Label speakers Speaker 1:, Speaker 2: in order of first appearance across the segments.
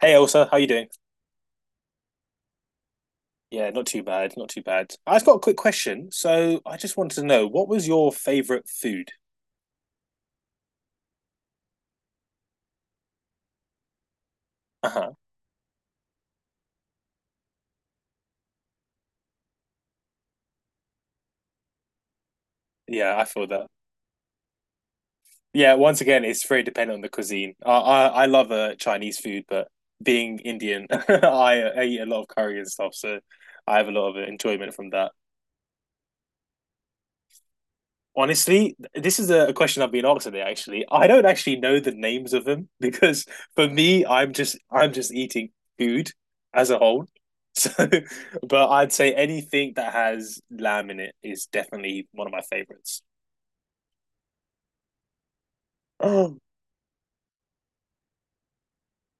Speaker 1: Hey Elsa, how you doing? Yeah, not too bad, not too bad. I've got a quick question. So I just wanted to know, what was your favorite food? Uh-huh. Yeah, I feel that. Yeah, once again, it's very dependent on the cuisine. I love Chinese food, but being Indian, I eat a lot of curry and stuff, so I have a lot of enjoyment from that. Honestly, this is a question I've been asked today, actually. I don't actually know the names of them because for me, I'm just eating food as a whole. So, but I'd say anything that has lamb in it is definitely one of my favorites. Oh.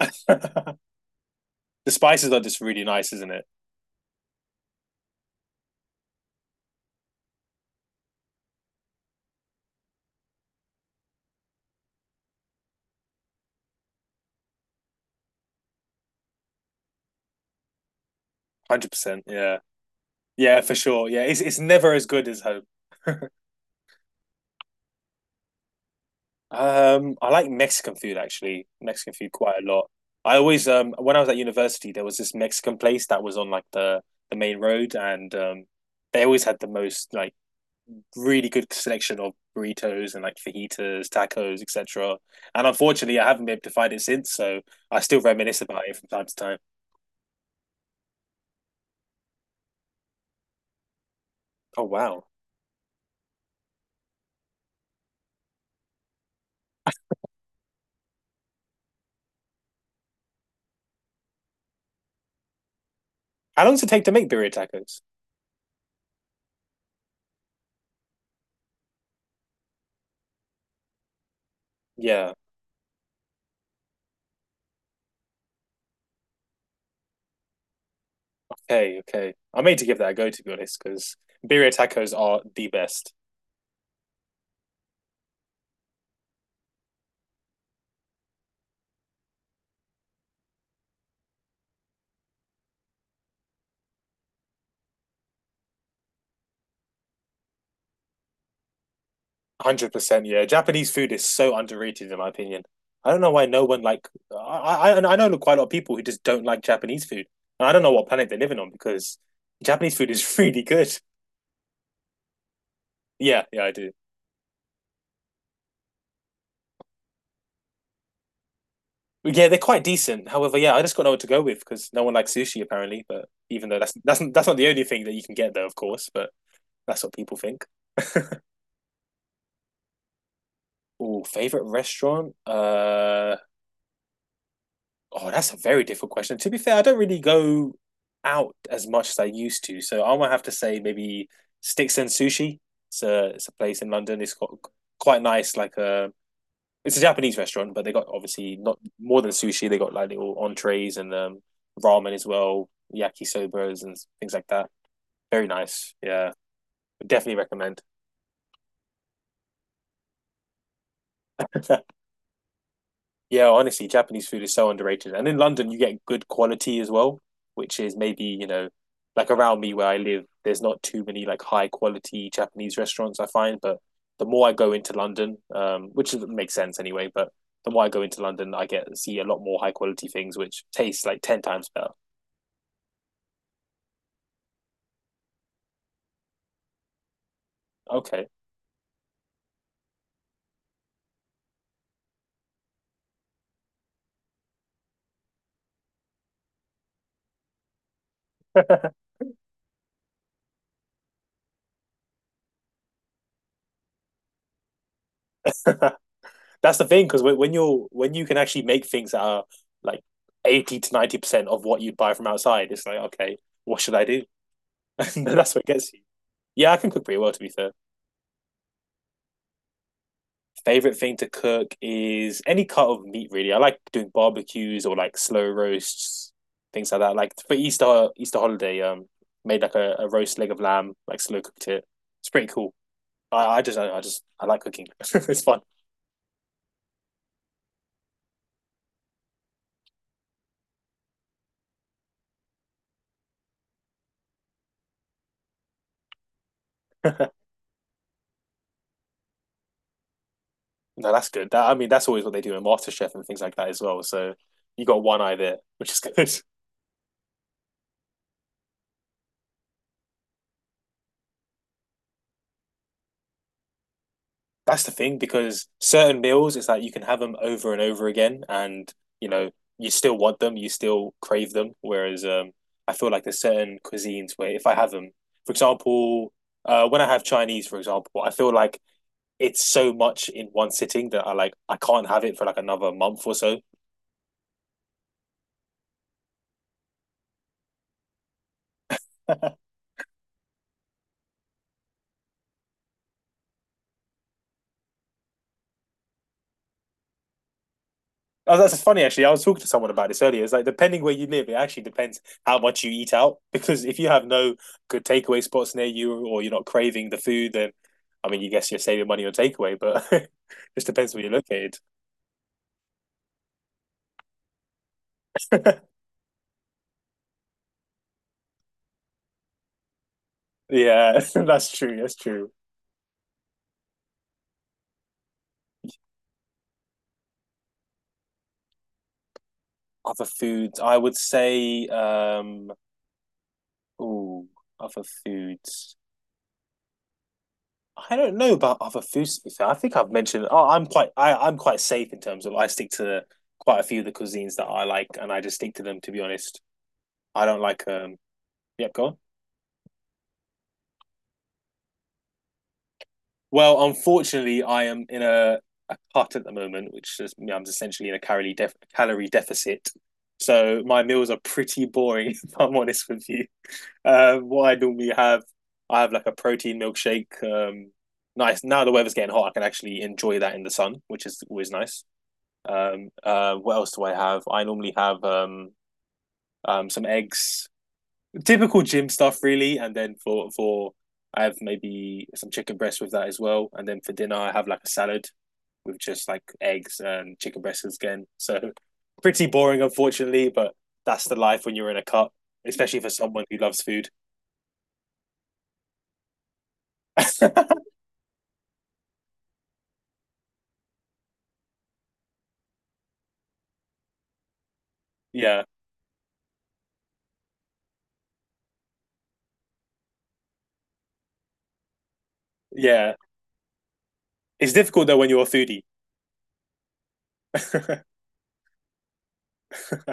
Speaker 1: The spices are just really nice, isn't it? 100%. Yeah. Yeah, for sure. Yeah, it's never as good as home. I like Mexican food actually. Mexican food quite a lot. I always when I was at university, there was this Mexican place that was on like the main road, and they always had the most like really good selection of burritos and like fajitas, tacos, etc. And unfortunately, I haven't been able to find it since, so I still reminisce about it from time to time. Oh wow! How long does it take to make birria tacos? Yeah. Okay. Okay. I may made to give that a go to be honest, because birria tacos are the best. 100%, yeah. Japanese food is so underrated in my opinion. I don't know why no one like I and I know quite a lot of people who just don't like Japanese food, and I don't know what planet they're living on because Japanese food is really good. Yeah, yeah, I do. Yeah, they're quite decent. However, yeah, I just got no one to go with because no one likes sushi apparently. But even though that's not the only thing that you can get there, of course. But that's what people think. Oh, favorite restaurant? Oh, that's a very difficult question. To be fair, I don't really go out as much as I used to, so I might have to say maybe Sticks and Sushi. It's a place in London. It's got quite nice. Like, a it's a Japanese restaurant, but they got obviously not more than sushi. They got like little entrees and ramen as well, yakisobas and things like that. Very nice. Yeah, definitely recommend. Yeah, honestly, Japanese food is so underrated. And in London, you get good quality as well, which is maybe, like around me where I live, there's not too many like high quality Japanese restaurants I find. But the more I go into London, makes sense anyway, but the more I go into London, I get see a lot more high quality things which taste like 10 times better. Okay. That's the thing, because when you can actually make things that are like 80 to 90% of what you'd buy from outside, it's like, okay, what should I do? That's what gets Yeah, I can cook pretty well, to be fair. Favorite thing to cook is any cut of meat, really. I like doing barbecues or like slow roasts, things like that. Like for Easter holiday, made like a roast leg of lamb, like slow cooked it. It's pretty cool. I like cooking. It's fun. No, that's good. That I mean, that's always what they do in MasterChef and things like that as well. So you got one eye there, which is good. That's the thing because certain meals, it's like you can have them over and over again, and you know you still want them, you still crave them. Whereas I feel like there's certain cuisines where if I have them, for example, when I have Chinese, for example, I feel like it's so much in one sitting that I can't have it for like another month or so. Oh, that's funny actually. I was talking to someone about this earlier. It's like depending where you live, it actually depends how much you eat out. Because if you have no good takeaway spots near you or you're not craving the food, then I mean you guess you're saving money on takeaway, but it just depends where you're located. Yeah, that's true. That's true. Other foods, I would say, ooh, other foods. I don't know about other foods, to be fair. I think I've mentioned. Oh, I'm quite. I'm quite safe in terms of. I stick to quite a few of the cuisines that I like, and I just stick to them. To be honest, I don't like. Yep, go on. Well, unfortunately I am in a cut at the moment, which is you know, I'm essentially in a calorie deficit. So my meals are pretty boring if I'm honest with you. What I normally have I have like a protein milkshake. Nice now the weather's getting hot, I can actually enjoy that in the sun, which is always nice. What else do I have? I normally have some eggs typical gym stuff really, and then for I have maybe some chicken breast with that as well, and then for dinner I have like a salad with just like eggs and chicken breasts again. So pretty boring, unfortunately, but that's the life when you're in a cut, especially for someone who loves food. Yeah, yeah. It's difficult though when you're a foodie.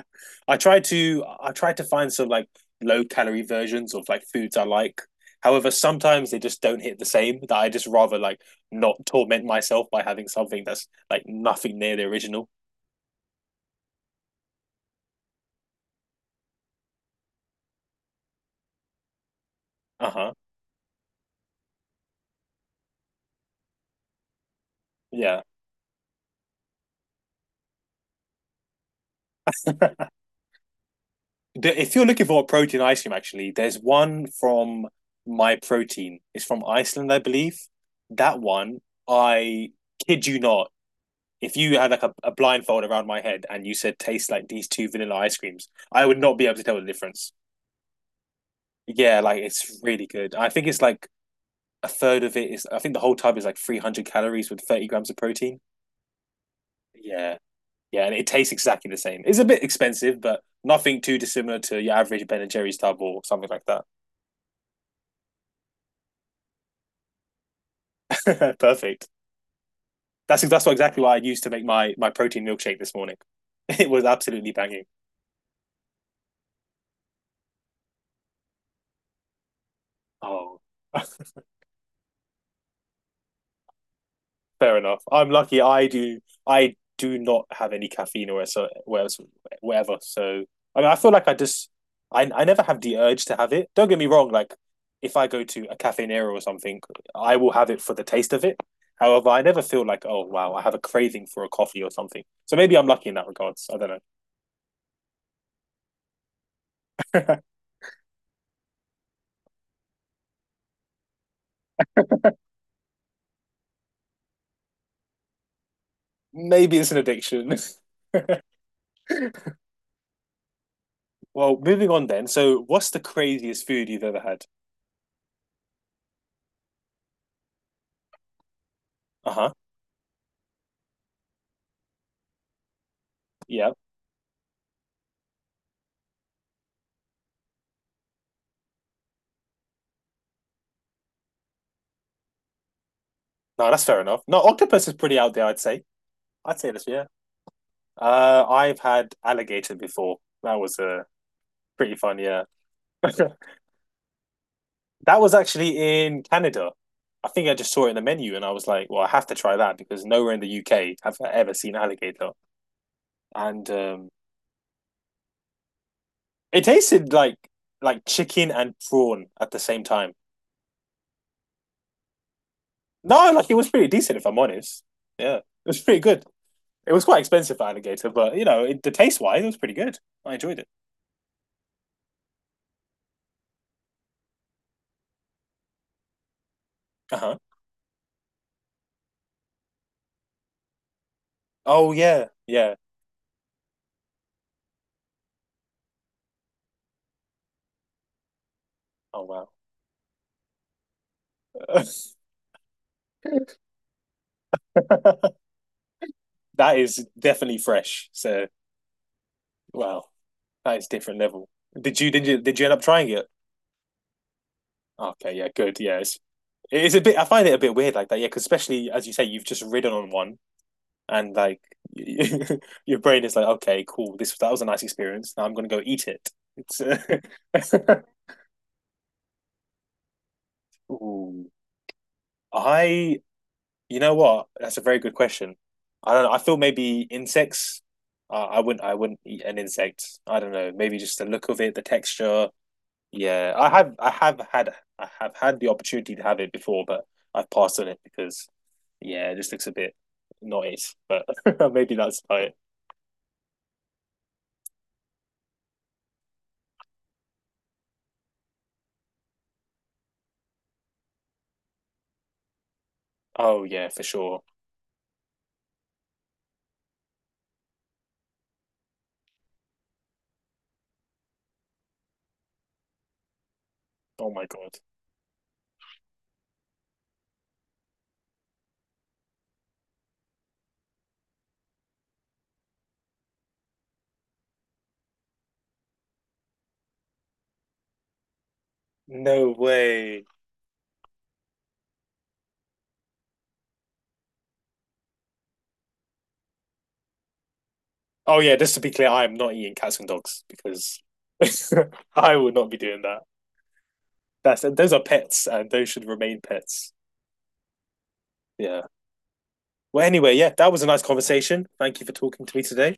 Speaker 1: I tried to find some like low calorie versions of like foods I like. However, sometimes they just don't hit the same. That I just rather like not torment myself by having something that's like nothing near the original. Uh huh. Yeah. If you're looking for a protein ice cream, actually, there's one from My Protein. It's from Iceland, I believe. That one, I kid you not. If you had like a blindfold around my head and you said taste like these two vanilla ice creams, I would not be able to tell the difference. Yeah, like it's really good. I think it's like a third of it is, I think the whole tub is like 300 calories with 30 grams of protein. Yeah. Yeah. And it tastes exactly the same. It's a bit expensive, but nothing too dissimilar to your average Ben and Jerry's tub or something like that. Perfect. That's what exactly what I used to make my protein milkshake this morning. It was absolutely banging. Oh. Fair enough. I'm lucky. I do. I do not have any caffeine or so whatever. So I mean, I feel like I just I never have the urge to have it. Don't get me wrong. Like if I go to a Cafe Nero or something, I will have it for the taste of it. However, I never feel like oh wow, I have a craving for a coffee or something. So maybe I'm lucky in that regards. I don't know. Maybe it's an addiction. Well, moving on then. So what's the craziest food you've ever had? Uh huh. Yeah. No, that's fair enough. No, octopus is pretty out there, I'd say. I'd say this. Yeah. I've had alligator before. That was a pretty fun, yeah. That was actually in Canada. I think I just saw it in the menu and I was like, well, I have to try that because nowhere in the UK have I ever seen alligator. And it tasted like chicken and prawn at the same time. No, like it was pretty decent if I'm honest. Yeah, it was pretty good. It was quite expensive for alligator, but you know, the taste wise, it was pretty good. I enjoyed it. Uh huh. Oh yeah, yeah. Oh wow. That is definitely fresh. So wow, that is different level. Did you end up trying it? Okay, yeah, good. Yeah, it is a bit. I find it a bit weird like that. Yeah, because especially as you say, you've just ridden on one, and like your brain is like, okay, cool. This That was a nice experience. Now I'm gonna go eat it. It's Ooh. I. You know what? That's a very good question. I don't know. I feel maybe insects. I wouldn't. I wouldn't eat an insect. I don't know. Maybe just the look of it, the texture. Yeah, I have had the opportunity to have it before, but I've passed on it because yeah, it just looks a bit not it. But maybe that's about it. Oh yeah, for sure. Oh my God. No way. Oh yeah, just to be clear, I am not eating cats and dogs because I would not be doing that. That's Those are pets and those should remain pets. Yeah. Well, anyway, yeah, that was a nice conversation. Thank you for talking to me today.